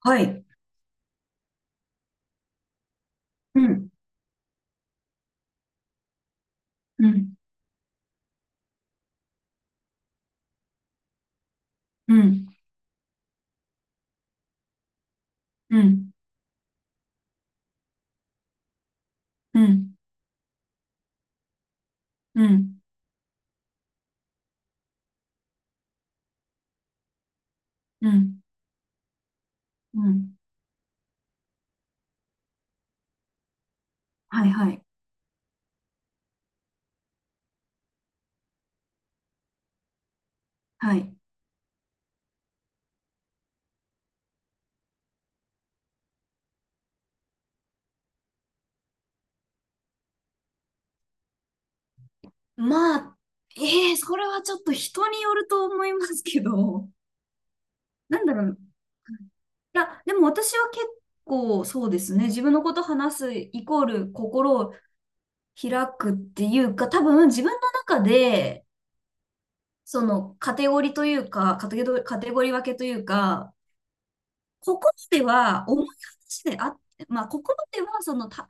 はい。うん、うん、うん、うん、うん、うん、うん、うん。はい、はい、はい。まあ、ええそれはちょっと人によると思いますけど、なんだろう。いや、でも私は結構そうですね。自分のこと話すイコール心を開くっていうか、多分自分の中で、そのカテゴリーというか、カテゴリー分けというか、ここまでは重い話であって、まあ、ここまではそのた、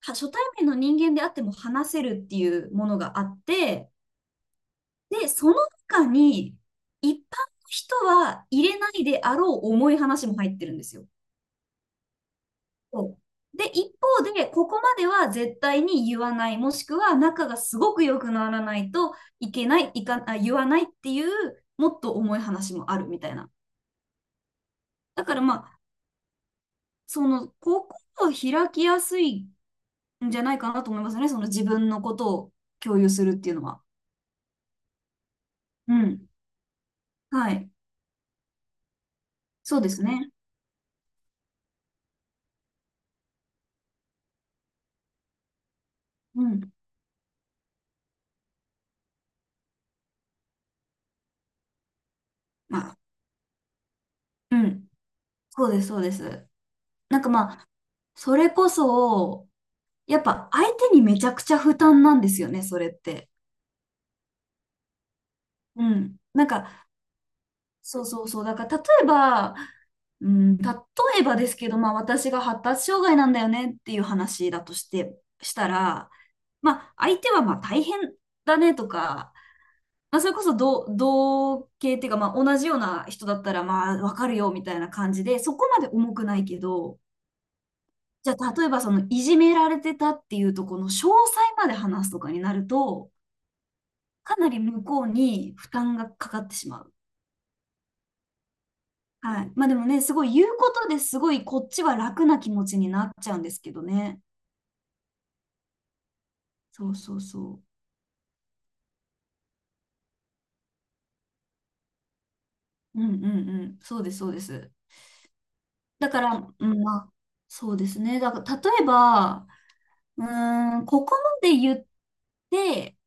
初対面の人間であっても話せるっていうものがあって、で、その中に一般の人は入れないであろう重い話も入ってるんですよ。そうで、一方で、ここまでは絶対に言わない、もしくは仲がすごく良くならないといけない、いか、あ、言わないっていう、もっと重い話もあるみたいな。だからまあ、その、ここを開きやすいんじゃないかなと思いますね。その自分のことを共有するっていうのは。うん。はい。そうですね。うん。まあ、うん。そうです、そうです。なんかまあ、それこそ、やっぱ相手にめちゃくちゃ負担なんですよね、それって。うん。なんか、そうそうそう。だから例えば、うん、例えばですけど、まあ私が発達障害なんだよねっていう話だとして、したら、まあ相手はまあ大変だねとか、まあ、それこそ同系っていうか、まあ、同じような人だったら、まあ、わかるよ、みたいな感じで、そこまで重くないけど、じゃあ、例えば、その、いじめられてたっていうところの詳細まで話すとかになると、かなり向こうに負担がかかってしまう。はい。まあ、でもね、すごい言うことですごい、こっちは楽な気持ちになっちゃうんですけどね。そうそうそう。うんうんうん。そうです、そうです。だから、うん、まあ、そうですね。だから、例えば、うーん、ここまで言って、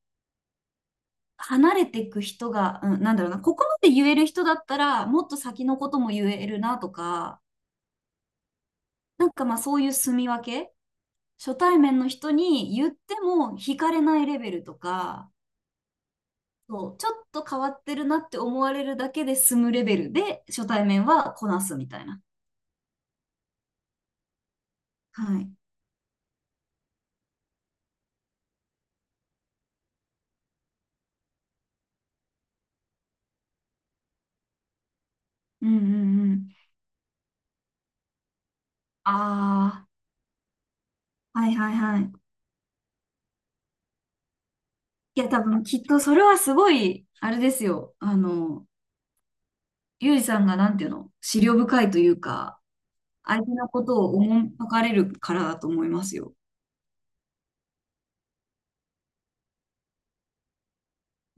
離れていく人が、うん、なんだろうな、ここまで言える人だったら、もっと先のことも言えるなとか、なんかまあそういう住み分け、初対面の人に言っても惹かれないレベルとか、そう、ちょっと変わってるなって思われるだけで済むレベルで初対面はこなすみたいな。はい。うんうんうん。ああ、はいはいはい。いや、多分きっとそれはすごい、あれですよ。ゆうじさんがなんていうの、思慮深いというか、相手のことをおもんぱかれるからだと思いますよ。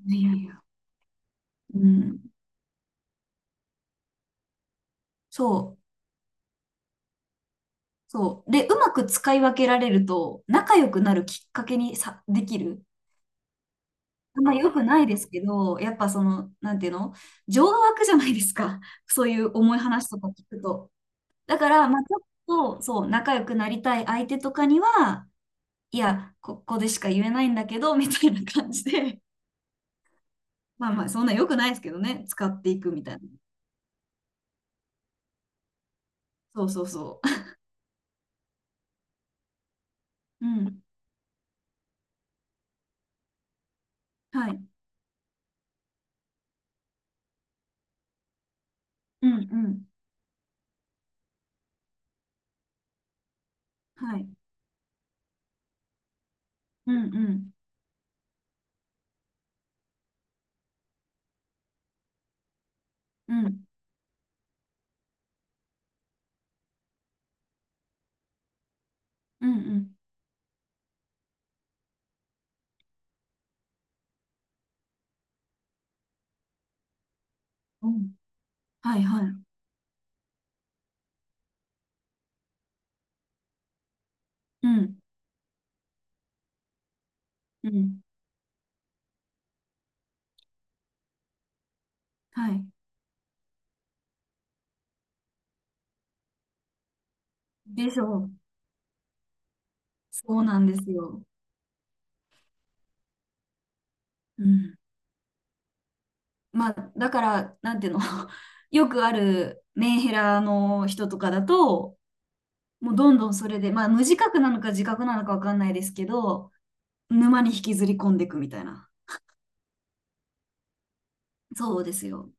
いやいや。うん。そう。そう。で、うまく使い分けられると、仲良くなるきっかけにさ、できる。あんま良くないですけど、やっぱその、なんていうの情が湧くじゃないですか。そういう重い話とか聞くと。だから、まあ、ちょっと、そう、仲良くなりたい相手とかには、いや、ここでしか言えないんだけど、みたいな感じで、まあまあ、そんな良くないですけどね、使っていくみたいな。そうそうそう。うん。はい。うんうん。はい。うんうん。うん。うんうん。うんはいはい。うんうん。はい。でしょう。そうなんですよ。うん。まあ、だから、なんていうの よくあるメンヘラの人とかだと、もうどんどんそれで、まあ、無自覚なのか自覚なのかわかんないですけど、沼に引きずり込んでいくみたいな。そうですよ。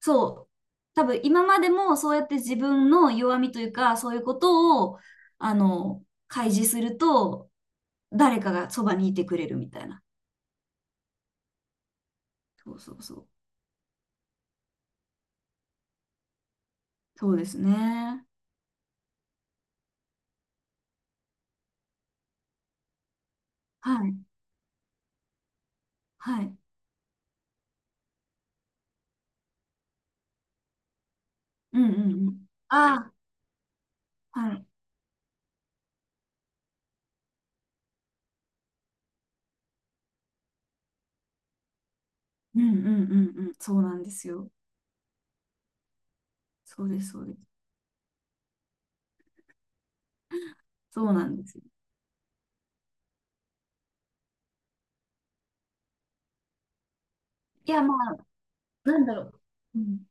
そう、多分今までもそうやって自分の弱みというか、そういうことを、開示すると、誰かがそばにいてくれるみたいな。そうそうそう。そうですね。はい、はい。うんうんうん。ああ、はい。うんうんうんうん。そうなんですよ。そうです、そうです。そうなんですよ。いや、まあ、なんだろう。うん、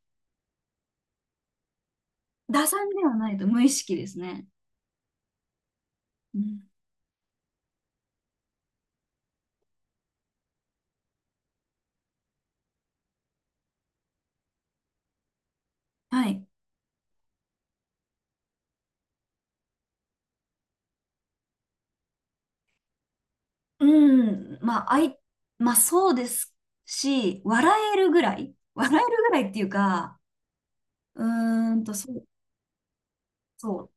打算ではないと無意識ですね。うん、はい。うん、まあ、あい、まあそうですし、笑えるぐらい、笑えるぐらいっていうか、うーんと、そう、そ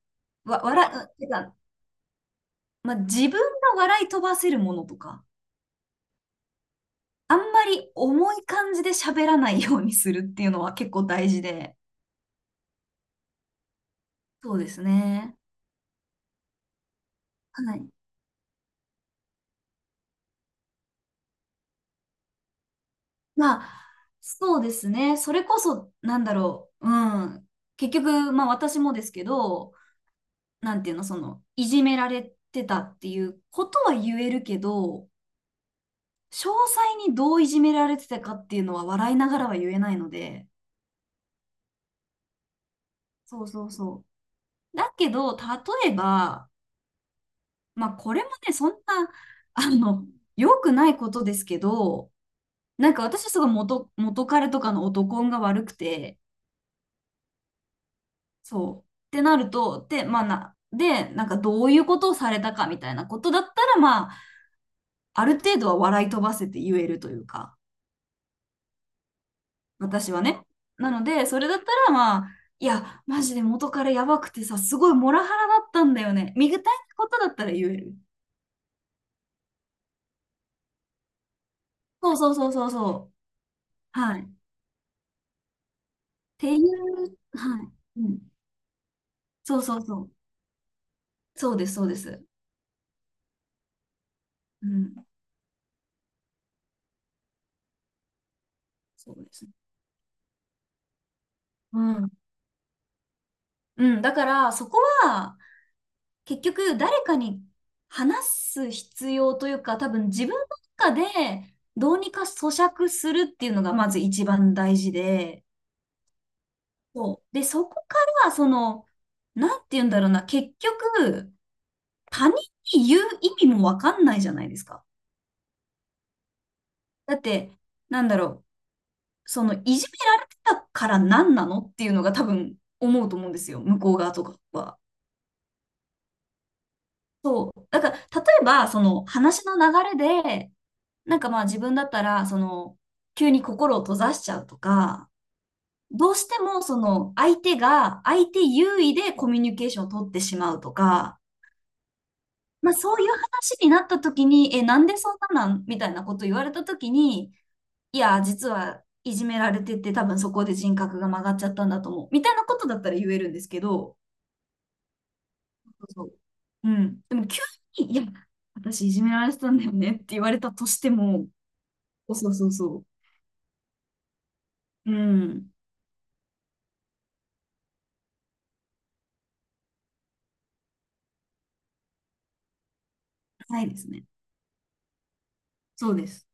う、わ、笑、うんてか、まあ自分が笑い飛ばせるものとか、あんまり重い感じで喋らないようにするっていうのは結構大事で、そうですね。はい。まあ、そうですね。それこそ、なんだろう、うん。結局、まあ私もですけど、なんていうの、その、いじめられてたっていうことは言えるけど、詳細にどういじめられてたかっていうのは笑いながらは言えないので、そうそうそう。だけど、例えば、まあこれもね、そんな、あの、良くないことですけど、なんか私はすごい元彼とかの男運が悪くて、そう。ってなると、で、なんかどういうことをされたかみたいなことだったら、まあ、ある程度は笑い飛ばせて言えるというか。私はね。なので、それだったらまあ、いや、マジで元彼やばくてさ、すごいモラハラだったんだよね。見具体ことだったら言える。そうそうそうそうそう。はい。っていう、はい。うん。そうそうそう。そうです、そうです。うん。そうですね。うん。うん。だから、そこは、結局、誰かに話す必要というか、多分自分の中で、どうにか咀嚼するっていうのが、まず一番大事で、そう。で、そこから、その、なんて言うんだろうな、結局、他人に言う意味もわかんないじゃないですか。だって、なんだろう、その、いじめられてたから何なのっていうのが多分思うと思うんですよ、向こう側とかは。そう。だから、例えば、その、話の流れで、なんかまあ自分だったら、その、急に心を閉ざしちゃうとか、どうしてもその相手が相手優位でコミュニケーションを取ってしまうとか、まあ、そういう話になった時に、え、なんでそんななんみたいなこと言われた時に、いや、実はいじめられてて、多分そこで人格が曲がっちゃったんだと思う。みたいなことだったら言えるんですけど、そうそううん。でも急に、いや、私いじめられてたんだよねって言われたとしても、そうそうそうそう。うん、ないですね。そうです。